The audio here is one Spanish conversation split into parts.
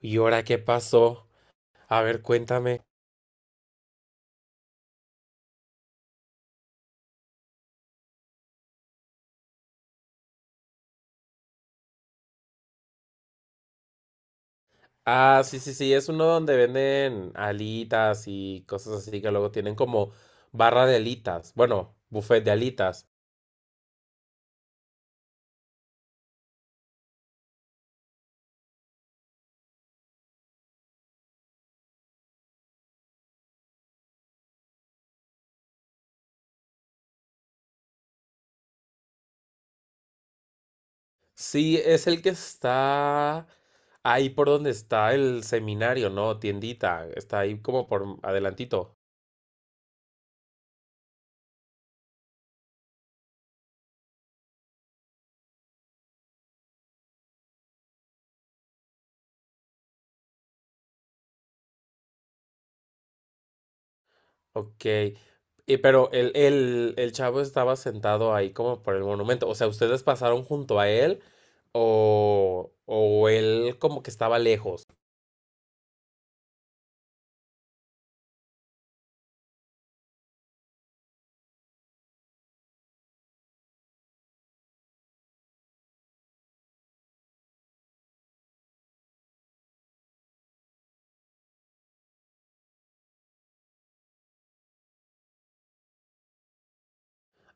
¿Y ahora qué pasó? A ver, cuéntame. Ah, sí, sí, sí, es uno donde venden alitas y cosas así que luego tienen como barra de alitas. Bueno, buffet de alitas. Sí, es el que está ahí por donde está el seminario, ¿no? Tiendita. Está ahí como por adelantito. Ok, y pero el chavo estaba sentado ahí como por el monumento. O sea, ¿ustedes pasaron junto a él o él como que estaba lejos?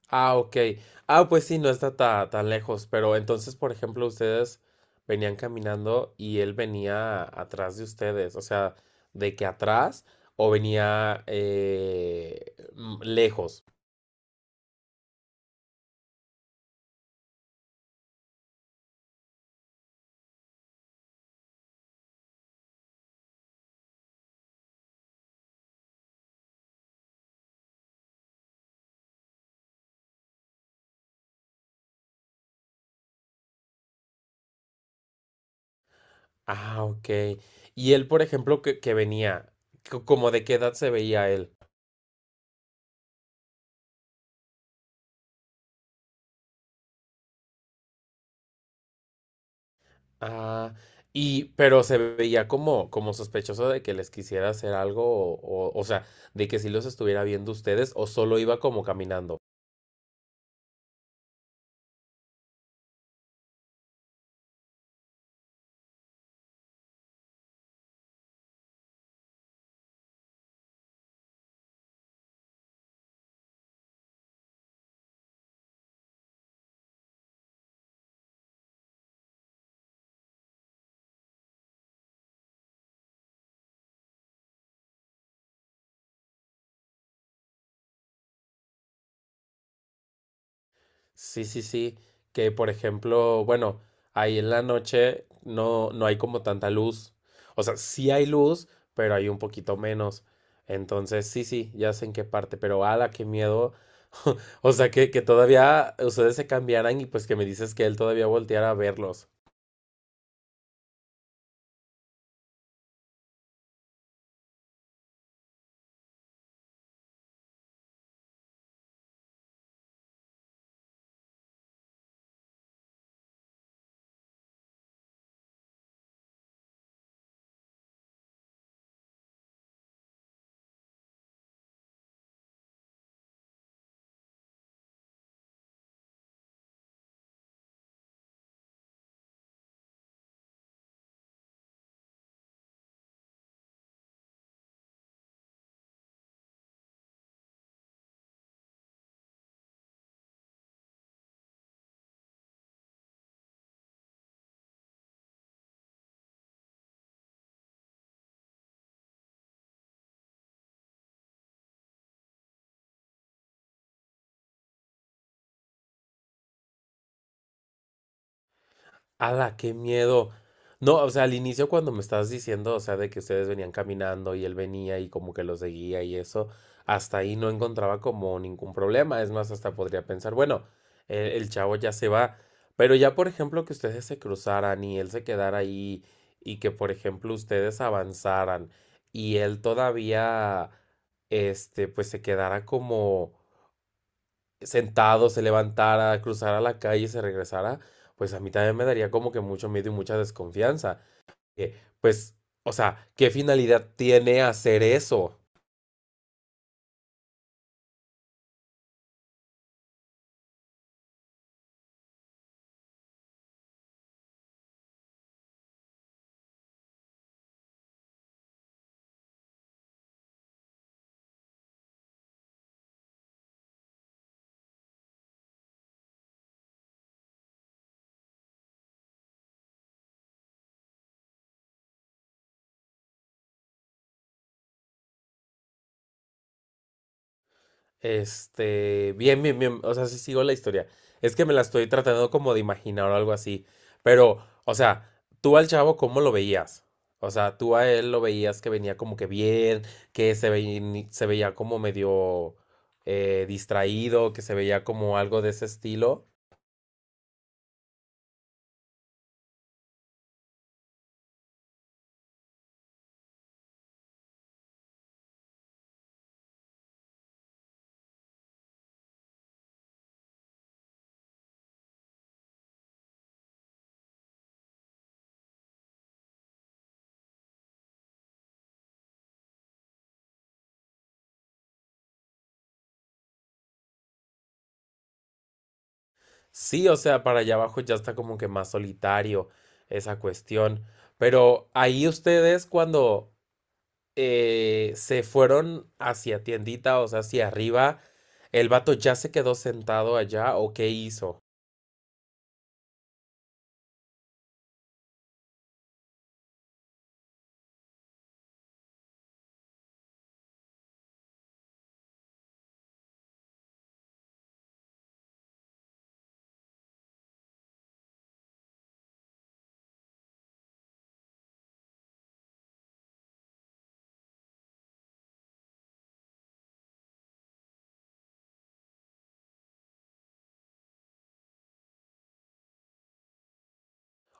Ah, ok. Ah, pues sí, no está tan lejos. Pero entonces, por ejemplo, ustedes venían caminando y él venía atrás de ustedes. O sea, ¿de que atrás o venía lejos? Ah, ok. Y él, por ejemplo, que venía, ¿como de qué edad se veía él? Ah, y, pero se veía como, como sospechoso de que les quisiera hacer algo, o sea, de que si los estuviera viendo ustedes, o solo iba como caminando. Sí, sí, sí, que por ejemplo, bueno, ahí en la noche no, no hay como tanta luz. O sea, sí hay luz, pero hay un poquito menos. Entonces, sí, sí, ya sé en qué parte, pero ala, qué miedo. O sea, que todavía ustedes se cambiaran y pues que me dices que él todavía volteara a verlos. ¡Hala, qué miedo! No, o sea, al inicio cuando me estabas diciendo, o sea, de que ustedes venían caminando y él venía y como que lo seguía y eso, hasta ahí no encontraba como ningún problema. Es más, hasta podría pensar, bueno, el chavo ya se va. Pero ya, por ejemplo, que ustedes se cruzaran y él se quedara ahí y que, por ejemplo, ustedes avanzaran y él todavía, pues se quedara como sentado, se levantara, cruzara la calle y se regresara, pues a mí también me daría como que mucho miedo y mucha desconfianza. Eh, pues, o sea, ¿qué finalidad tiene hacer eso? Bien, bien, bien, o sea, sí sigo la historia. Es que me la estoy tratando como de imaginar o algo así. Pero, o sea, tú al chavo, ¿cómo lo veías? O sea, tú a él lo veías que venía como que bien, que se veía como medio distraído, que se veía como algo de ese estilo. Sí, o sea, para allá abajo ya está como que más solitario esa cuestión. Pero ahí ustedes cuando se fueron hacia tiendita, o sea, hacia arriba, ¿el vato ya se quedó sentado allá o qué hizo?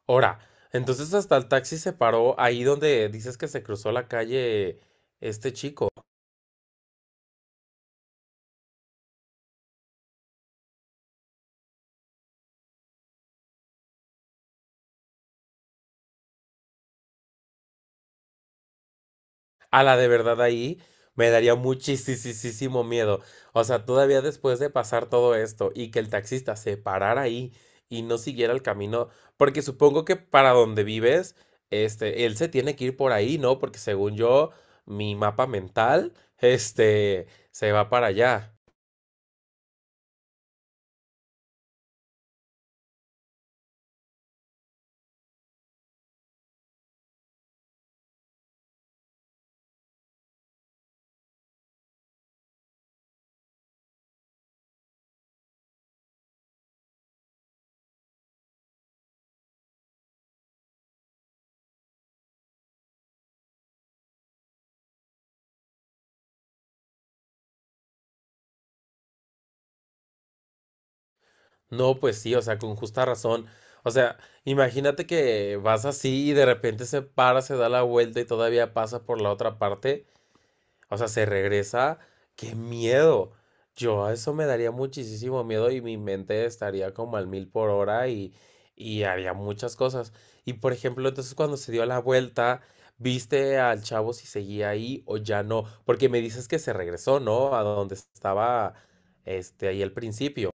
Ahora, entonces hasta el taxi se paró ahí donde dices que se cruzó la calle este chico. A la de verdad ahí me daría muchísimo miedo. O sea, todavía después de pasar todo esto y que el taxista se parara ahí y no siguiera el camino, porque supongo que para donde vives, él se tiene que ir por ahí, ¿no? Porque según yo, mi mapa mental, se va para allá. No, pues sí, o sea, con justa razón. O sea, imagínate que vas así y de repente se para, se da la vuelta y todavía pasa por la otra parte. O sea, se regresa. ¡Qué miedo! Yo a eso me daría muchísimo miedo y mi mente estaría como al mil por hora y haría muchas cosas. Y por ejemplo, entonces cuando se dio la vuelta, ¿viste al chavo si seguía ahí o ya no? Porque me dices que se regresó, ¿no? A donde estaba ahí al principio.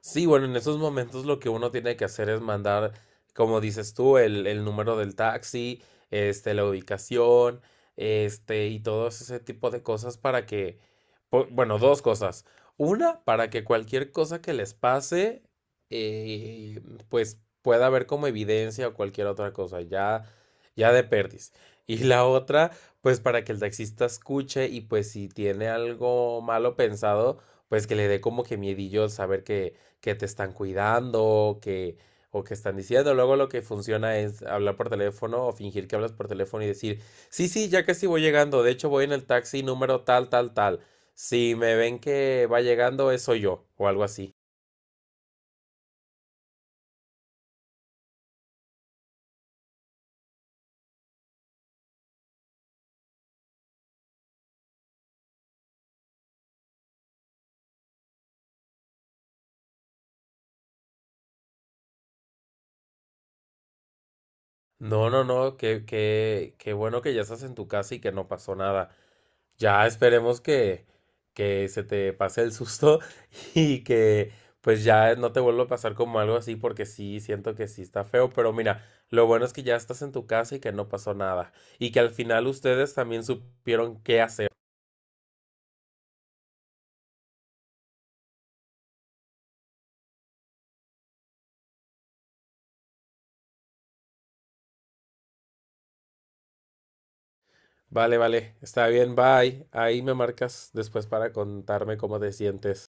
Sí, bueno, en esos momentos lo que uno tiene que hacer es mandar, como dices tú, el número del taxi, la ubicación, y todo ese tipo de cosas para que, bueno, dos cosas. Una, para que cualquier cosa que les pase, eh, pues pueda haber como evidencia o cualquier otra cosa, ya, ya de perdiz. Y la otra, pues para que el taxista escuche y pues si tiene algo malo pensado, pues que le dé como que miedillo saber que te están cuidando, que, o que están diciendo. Luego lo que funciona es hablar por teléfono o fingir que hablas por teléfono y decir, sí, sí, ya casi voy llegando. De hecho, voy en el taxi número tal, tal, tal. Si me ven que va llegando, eso yo, o algo así. No, no, no, qué, qué, qué bueno que ya estás en tu casa y que no pasó nada. Ya esperemos que se te pase el susto y que pues ya no te vuelva a pasar como algo así porque sí, siento que sí está feo, pero mira, lo bueno es que ya estás en tu casa y que no pasó nada y que al final ustedes también supieron qué hacer. Vale, vale, está bien, bye. Ahí me marcas después para contarme cómo te sientes.